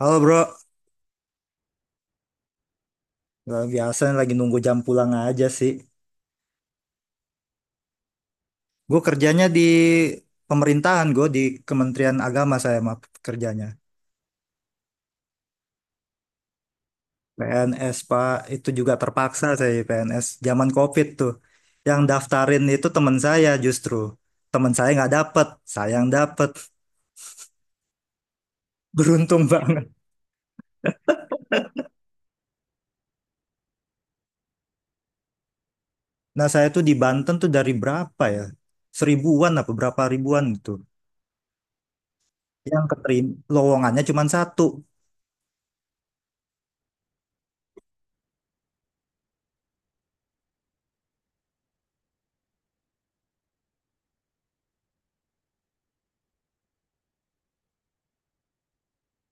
Halo bro, nggak biasa lagi nunggu jam pulang aja sih. Gue kerjanya di pemerintahan, gue di Kementerian Agama saya mah kerjanya. PNS Pak, itu juga terpaksa saya PNS zaman COVID tuh. Yang daftarin itu teman saya justru. Teman saya nggak dapet, saya yang dapet. Beruntung banget. Nah saya tuh di Banten tuh dari berapa ya? Seribuan apa berapa ribuan itu. Yang keterima, lowongannya cuma satu.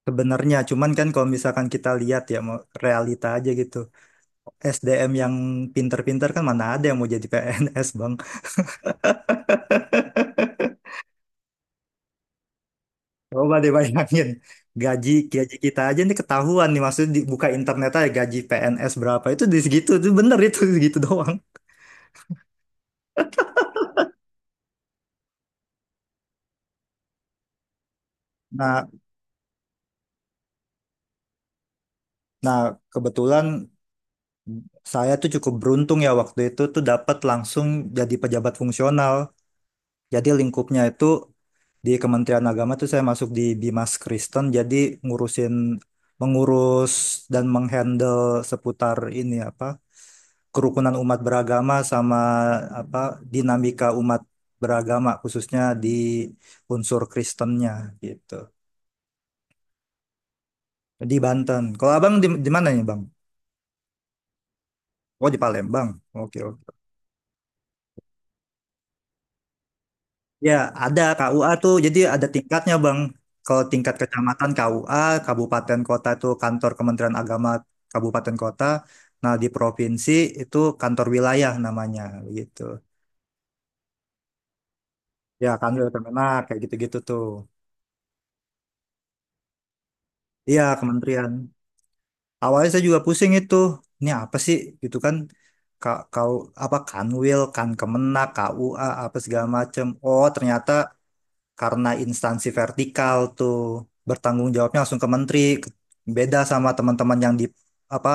Sebenarnya, cuman kan kalau misalkan kita lihat ya, mau realita aja gitu. SDM yang pinter-pinter kan mana ada yang mau jadi PNS, Bang. Coba deh bayangin, gaji gaji kita aja nih ketahuan nih, maksudnya dibuka internet aja gaji PNS berapa, itu di segitu, itu bener itu segitu doang. Nah, nah, kebetulan saya tuh cukup beruntung ya waktu itu tuh dapat langsung jadi pejabat fungsional. Jadi lingkupnya itu di Kementerian Agama tuh saya masuk di Bimas Kristen jadi ngurusin mengurus dan menghandle seputar ini apa kerukunan umat beragama sama apa dinamika umat beragama khususnya di unsur Kristennya gitu. Di Banten. Kalau Abang di mana nih, Bang? Oh, di Palembang. Oke, oke. Ya, ada KUA tuh. Jadi ada tingkatnya, Bang. Kalau tingkat kecamatan KUA, kabupaten kota itu kantor Kementerian Agama kabupaten kota. Nah, di provinsi itu kantor wilayah namanya gitu. Ya, kanwil Kemenak kayak gitu-gitu tuh. Iya, kementerian. Awalnya saya juga pusing itu. Ini apa sih gitu kan? Kau apa Kanwil, kan Kemenak, KUA apa segala macem. Oh, ternyata karena instansi vertikal tuh bertanggung jawabnya langsung ke menteri. Ke- Beda sama teman-teman yang di apa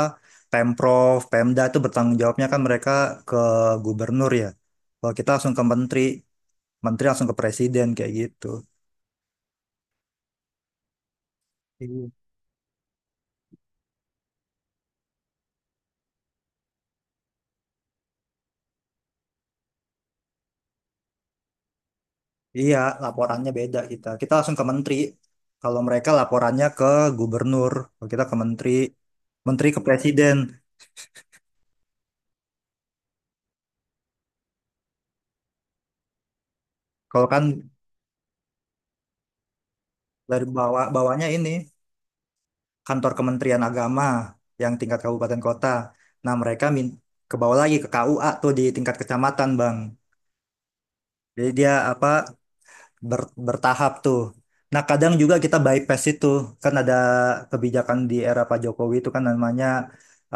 Pemprov Pemda itu bertanggung jawabnya kan mereka ke gubernur ya, kalau kita langsung ke menteri, menteri langsung ke presiden kayak gitu. Iya, iya, laporannya beda kita. Kita langsung ke menteri. Kalau mereka laporannya ke gubernur, kalau kita ke menteri, menteri ke presiden. Kalau kan dari bawah bawahnya ini kantor Kementerian Agama yang tingkat kabupaten kota. Nah, mereka ke bawah lagi ke KUA tuh di tingkat kecamatan, Bang. Jadi dia apa bertahap tuh. Nah, kadang juga kita bypass itu. Kan ada kebijakan di era Pak Jokowi itu kan namanya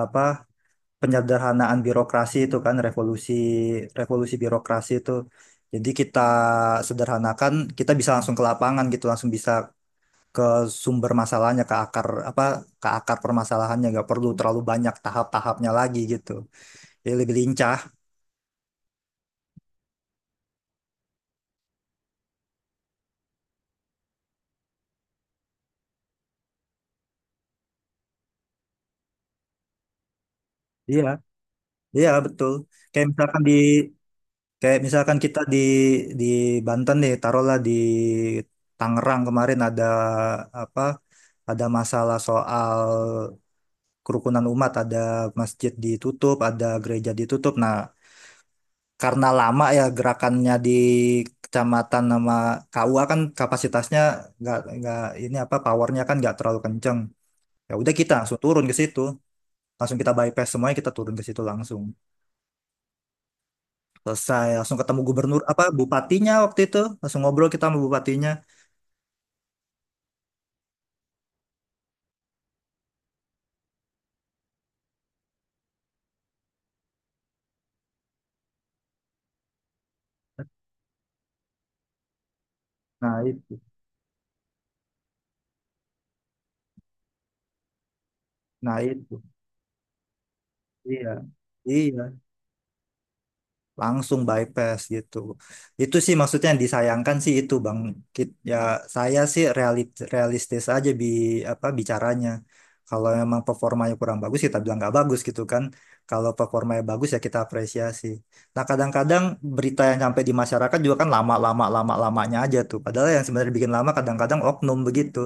apa penyederhanaan birokrasi itu, kan revolusi revolusi birokrasi itu. Jadi kita sederhanakan, kita bisa langsung ke lapangan gitu, langsung bisa ke sumber masalahnya ke akar apa ke akar permasalahannya, nggak perlu terlalu banyak tahap-tahapnya lagi gitu, jadi lebih lincah. Iya, iya, betul. Kayak misalkan di, kayak misalkan kita di Banten nih, taruhlah di Tangerang kemarin ada apa ada masalah soal kerukunan umat, ada masjid ditutup ada gereja ditutup. Nah, karena lama ya gerakannya di kecamatan sama KUA, kan kapasitasnya nggak ini apa powernya kan nggak terlalu kenceng, ya udah kita langsung turun ke situ, langsung kita bypass semuanya, kita turun ke situ langsung selesai, langsung ketemu gubernur apa bupatinya waktu itu, langsung ngobrol kita sama bupatinya. Nah itu. Nah itu. Iya, iya, langsung bypass gitu. Itu sih maksudnya yang disayangkan sih itu, Bang. Ya saya sih realistis aja apa bicaranya. Kalau memang performanya kurang bagus, kita bilang nggak bagus gitu kan. Kalau performanya bagus, ya kita apresiasi. Nah kadang-kadang berita yang sampai di masyarakat juga kan lama-lamanya aja tuh. Padahal yang sebenarnya bikin lama kadang-kadang oknum begitu.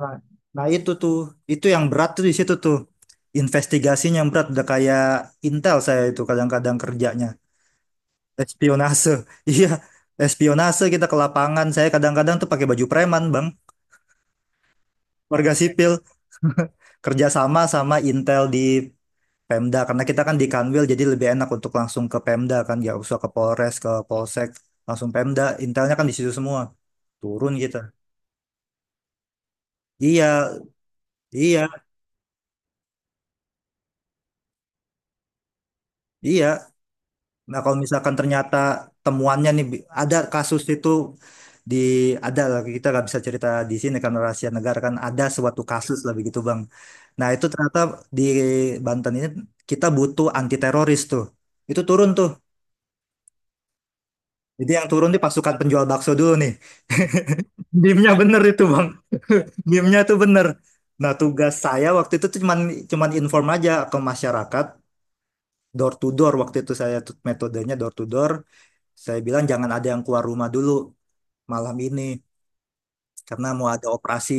Nah, nah, itu tuh, itu yang berat tuh di situ tuh, investigasinya yang berat udah kayak intel. Saya itu kadang-kadang kerjanya espionase. Iya, espionase kita ke lapangan. Saya kadang-kadang tuh pakai baju preman, Bang. Warga sipil. Kerja sama sama Intel di Pemda, karena kita kan di Kanwil jadi lebih enak untuk langsung ke Pemda kan, ya usah ke Polres, ke Polsek, langsung Pemda. Intelnya kan di situ semua. Turun kita. Iya, iya, iya. Nah, kalau misalkan ternyata temuannya nih ada kasus itu di ada lah, kita nggak bisa cerita di sini karena rahasia negara, kan ada suatu kasus lah begitu, Bang. Nah, itu ternyata di Banten ini kita butuh anti teroris tuh. Itu turun tuh. Jadi yang turun di pasukan penjual bakso dulu nih. Meme-nya bener itu, Bang. Meme-nya tuh bener. Nah, tugas saya waktu itu tuh cuman cuman inform aja ke masyarakat door to door. Waktu itu saya tuh metodenya door to door. Saya bilang jangan ada yang keluar rumah dulu malam ini karena mau ada operasi,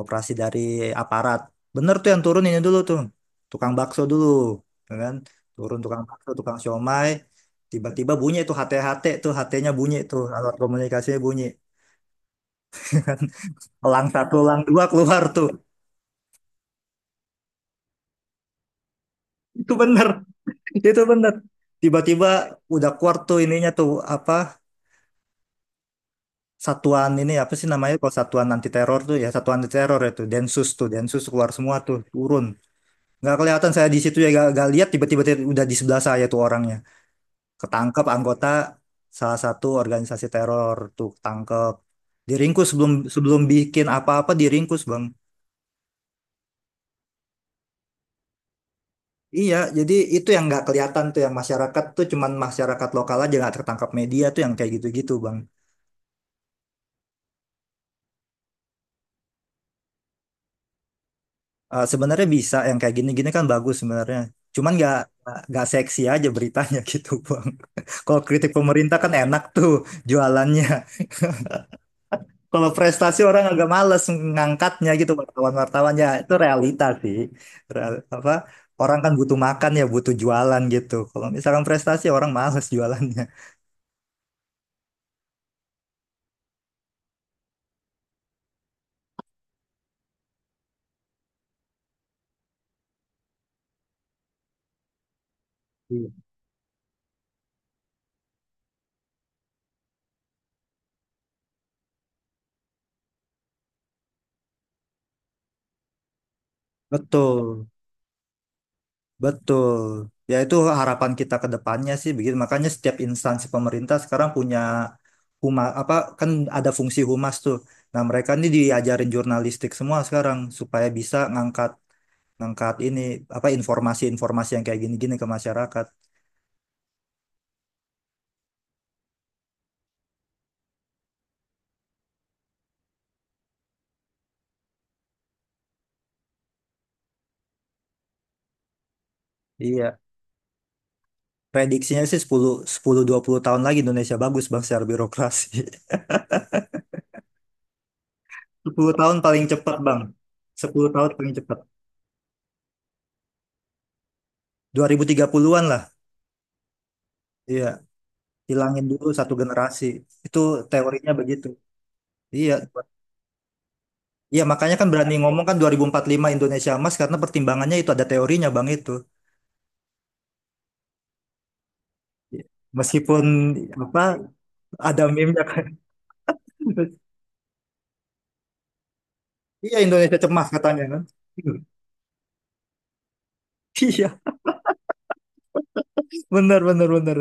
operasi dari aparat. Bener tuh, yang turun ini dulu tuh tukang bakso dulu, ya kan, turun tukang bakso tukang siomay, tiba-tiba bunyi tuh HT-HT tuh, HT-nya bunyi tuh, alat komunikasinya bunyi. Elang satu elang dua keluar tuh. Itu bener, itu bener. Tiba-tiba udah keluar tuh ininya tuh, apa satuan ini apa sih namanya, kalau satuan anti teror tuh, ya satuan anti teror itu Densus tuh. Densus keluar semua tuh, turun. Nggak kelihatan saya di situ ya, gak, nggak lihat. Tiba-tiba dia udah di sebelah saya tuh orangnya, ketangkep anggota salah satu organisasi teror tuh ketangkep, diringkus sebelum sebelum bikin apa-apa, diringkus bang. Iya, jadi itu yang nggak kelihatan tuh, yang masyarakat tuh cuman masyarakat lokal aja, nggak tertangkap media tuh yang kayak gitu-gitu, bang. Eh, sebenarnya bisa, yang kayak gini-gini kan bagus sebenarnya, cuman nggak seksi aja beritanya gitu bang. Kalau kritik pemerintah kan enak tuh jualannya. Kalau prestasi orang agak males ngangkatnya gitu wartawan-wartawannya, itu realita sih. Real- apa orang kan butuh makan ya, butuh jualan gitu. Kalau misalkan prestasi orang males jualannya. Iya. Betul, betul. Ya itu harapan kita ke depannya sih begitu. Makanya setiap instansi pemerintah sekarang punya huma apa kan ada fungsi humas tuh. Nah, mereka ini diajarin jurnalistik semua sekarang supaya bisa ngangkat ngangkat ini apa informasi-informasi yang kayak gini-gini ke masyarakat. Iya. Prediksinya sih 10-20 tahun lagi Indonesia bagus, Bang, secara birokrasi. 10 tahun paling cepat, Bang. 10 tahun paling cepat. 2030-an lah. Iya, hilangin dulu satu generasi. Itu teorinya begitu. Iya. Iya, makanya kan berani ngomong kan 2045 Indonesia emas, karena pertimbangannya itu ada teorinya, Bang, itu. Iya, meskipun apa ada meme-nya kan. Iya, Indonesia cemas katanya kan. Iya, benar benar benar.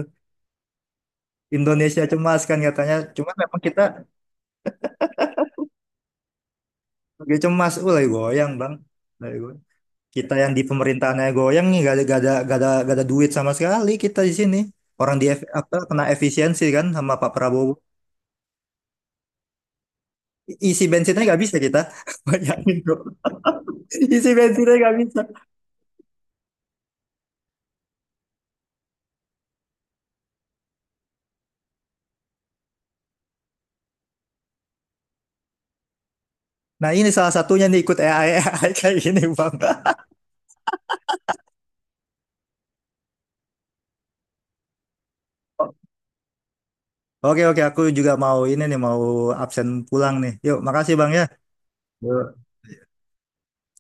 Indonesia cemas kan katanya. Cuman memang kita. Dia cemas, lagi goyang bang. Lagi goyang. Kita yang di pemerintahannya goyang nih, gak ada, gak ada, gak ada, gak ada duit sama sekali kita di sini. Orang di F- apa kena efisiensi kan sama Pak Prabowo. Isi bensinnya nggak bisa kita. Bayangin bro. Isi bensinnya nggak bisa. Nah ini salah satunya nih ikut AI, AI kayak gini bang. Oke oke aku juga mau ini nih mau absen pulang nih. Yuk, makasih bang ya. Yuk.